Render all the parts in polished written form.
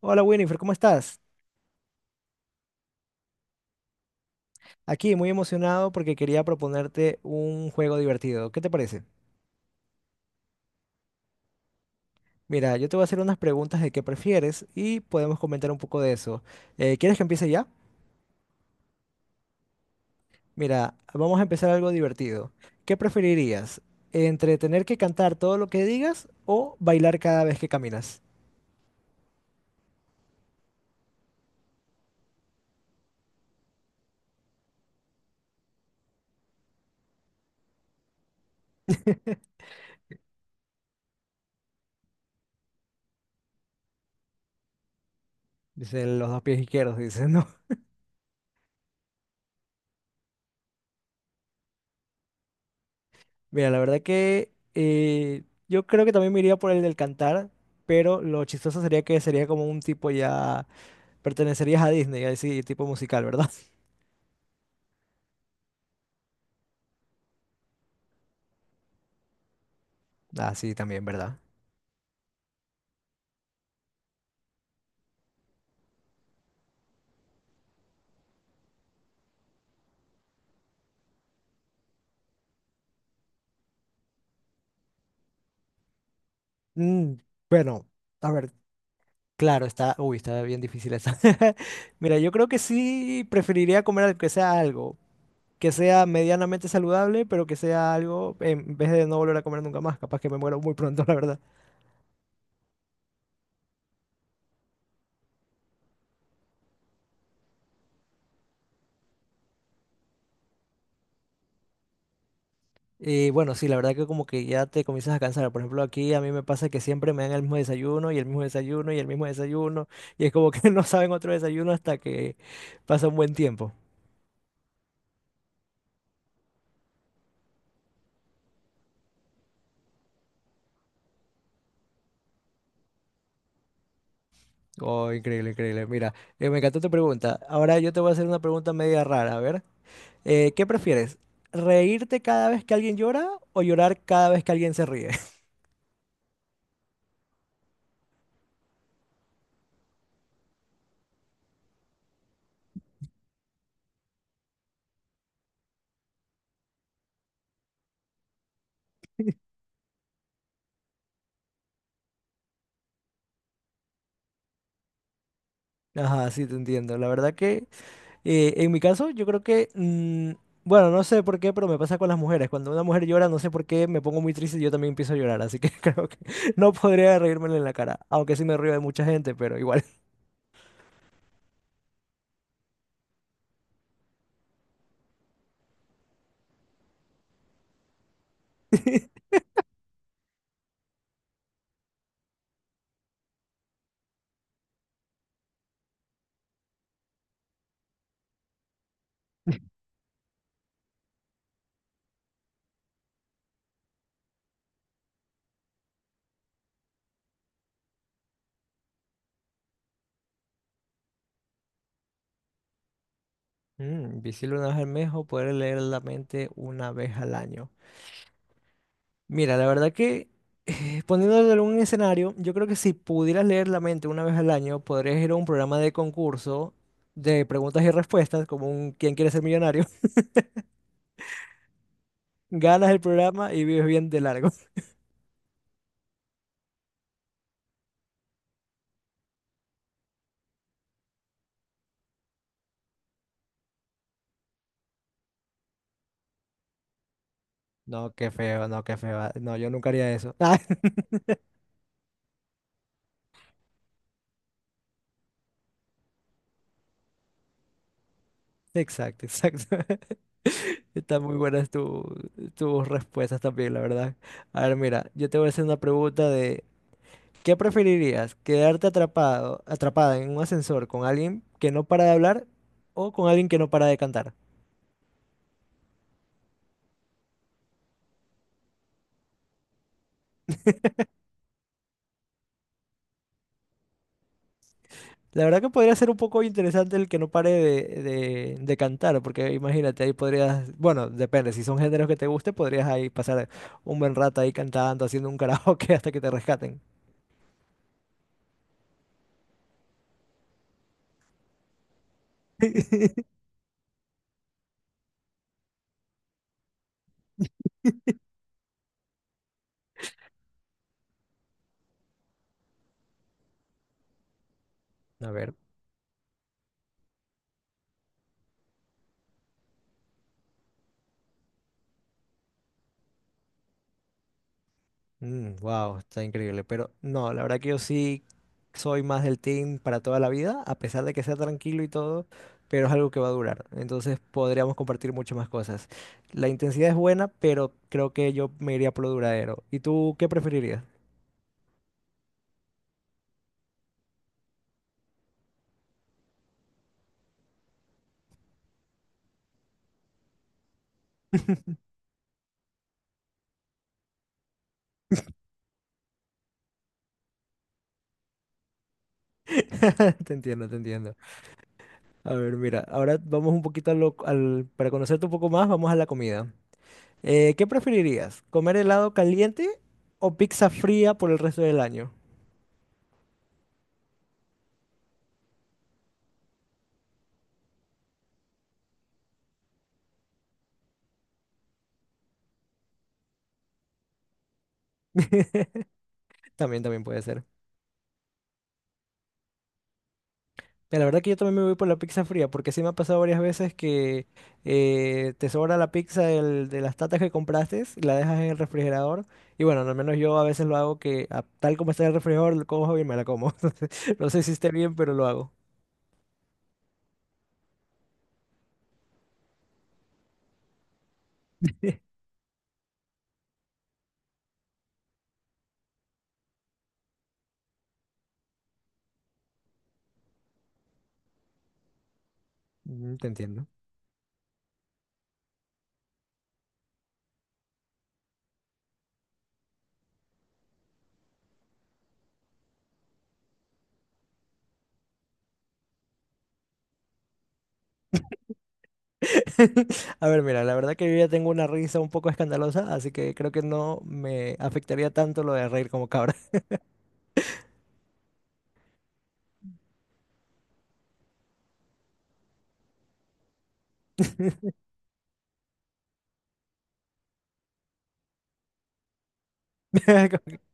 Hola Winifred, ¿cómo estás? Aquí muy emocionado porque quería proponerte un juego divertido. ¿Qué te parece? Mira, yo te voy a hacer unas preguntas de qué prefieres y podemos comentar un poco de eso. ¿Quieres que empiece ya? Mira, vamos a empezar algo divertido. ¿Qué preferirías? ¿Entre tener que cantar todo lo que digas o bailar cada vez que caminas? Dicen los dos pies izquierdos, dicen, ¿no? Mira, la verdad que yo creo que también me iría por el del cantar, pero lo chistoso sería que sería como un tipo ya, pertenecerías a Disney, así tipo musical, ¿verdad? Ah, sí, también, ¿verdad? Mm, bueno, a ver, claro, está, uy, está bien difícil esa. Mira, yo creo que sí preferiría comer algo, que sea medianamente saludable, pero que sea algo, en vez de no volver a comer nunca más, capaz que me muero muy pronto, la verdad. Y bueno, sí, la verdad que como que ya te comienzas a cansar. Por ejemplo, aquí a mí me pasa que siempre me dan el mismo desayuno y el mismo desayuno y el mismo desayuno, y es como que no saben otro desayuno hasta que pasa un buen tiempo. Oh, increíble, increíble. Mira, me encantó tu pregunta. Ahora yo te voy a hacer una pregunta media rara. A ver, ¿qué prefieres? ¿Reírte cada vez que alguien llora o llorar cada vez que alguien se ríe? Ajá, sí, te entiendo. La verdad que en mi caso yo creo que, bueno, no sé por qué, pero me pasa con las mujeres. Cuando una mujer llora, no sé por qué, me pongo muy triste y yo también empiezo a llorar. Así que creo que no podría reírmele en la cara. Aunque sí me río de mucha gente, pero igual. Visible una vez al mes o poder leer la mente una vez al año. Mira, la verdad que poniéndolo en un escenario, yo creo que si pudieras leer la mente una vez al año, podrías ir a un programa de concurso de preguntas y respuestas, como un ¿Quién quiere ser millonario? Ganas el programa y vives bien de largo. No, qué feo, no, qué feo. No, yo nunca haría eso. Ah, exacto, exacto. Están muy buenas tus respuestas también, la verdad. A ver, mira, yo te voy a hacer una pregunta. ¿Qué preferirías? ¿Quedarte atrapado, atrapada en un ascensor con alguien que no para de hablar o con alguien que no para de cantar? La verdad que podría ser un poco interesante el que no pare de, de cantar, porque imagínate, ahí podrías, bueno, depende, si son géneros que te guste, podrías ahí pasar un buen rato ahí cantando, haciendo un karaoke hasta que te rescaten. A ver. Wow, está increíble. Pero no, la verdad que yo sí soy más del team para toda la vida, a pesar de que sea tranquilo y todo, pero es algo que va a durar. Entonces podríamos compartir muchas más cosas. La intensidad es buena, pero creo que yo me iría por lo duradero. ¿Y tú qué preferirías? Te entiendo, te entiendo. A ver, mira, ahora vamos un poquito a para conocerte un poco más, vamos a la comida. ¿Qué preferirías? ¿Comer helado caliente o pizza fría por el resto del año? También, también puede ser. Mira, la verdad que yo también me voy por la pizza fría, porque sí me ha pasado varias veces que te sobra la pizza de las tatas que compraste y la dejas en el refrigerador. Y bueno, al menos yo a veces lo hago que tal como está en el refrigerador, lo cojo y me la como. Entonces, no sé si esté bien, pero lo hago. Mm, te entiendo. A ver, mira, la verdad que yo ya tengo una risa un poco escandalosa, así que creo que no me afectaría tanto lo de reír como cabra.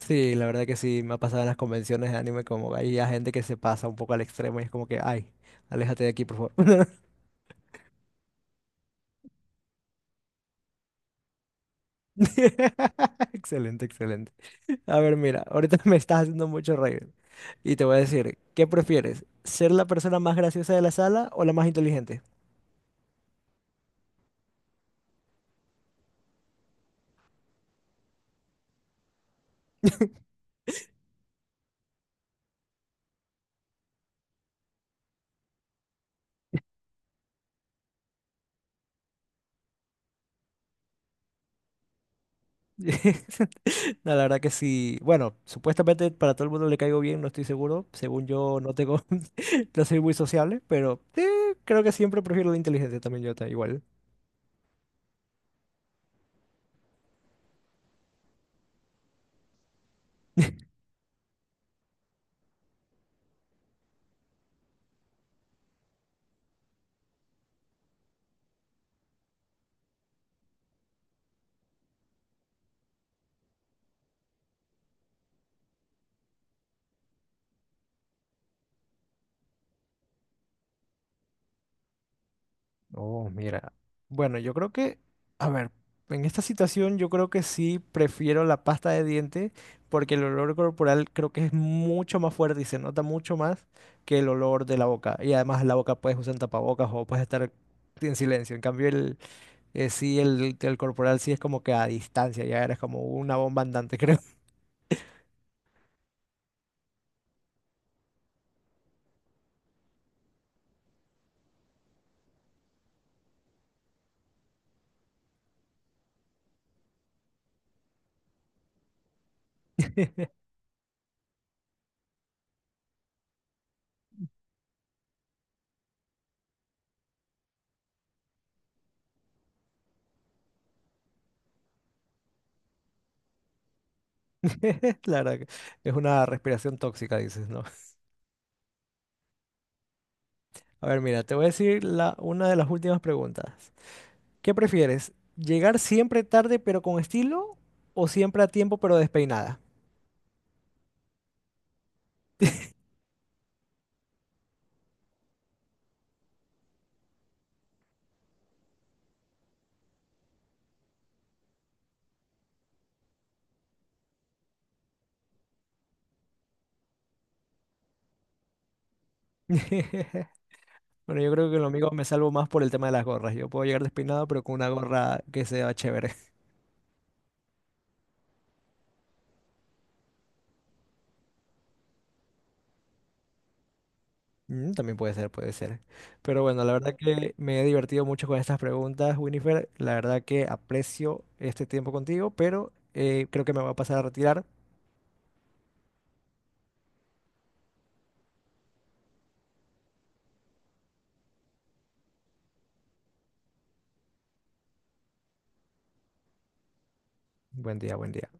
Sí, la verdad que sí, me ha pasado en las convenciones de anime como hay gente que se pasa un poco al extremo y es como que, ay, aléjate de aquí, por favor. Excelente, excelente. A ver, mira, ahorita me estás haciendo mucho reír y te voy a decir, ¿qué prefieres? ¿Ser la persona más graciosa de la sala o la más inteligente? No, la verdad que sí. Bueno, supuestamente para todo el mundo le caigo bien, no estoy seguro. Según yo, no tengo, no soy muy sociable, pero creo que siempre prefiero la inteligente también, yo igual. Oh, mira. Bueno, yo creo que, a ver, en esta situación yo creo que sí prefiero la pasta de dientes porque el olor corporal creo que es mucho más fuerte y se nota mucho más que el olor de la boca. Y además la boca puedes usar tapabocas o puedes estar en silencio. En cambio, el corporal sí es como que a distancia, ya eres como una bomba andante, creo. La verdad que es una respiración tóxica, dices, ¿no? A ver, mira, te voy a decir una de las últimas preguntas. ¿Qué prefieres? ¿Llegar siempre tarde pero con estilo o siempre a tiempo pero despeinada? Bueno, yo creo que lo mío me salvo más por el tema de las gorras. Yo puedo llegar despeinado pero con una gorra que sea chévere. Mm, también puede ser, puede ser. Pero bueno, la verdad que me he divertido mucho con estas preguntas, Winifred. La verdad que aprecio este tiempo contigo, pero creo que me voy a pasar a retirar. Buen día, buen día.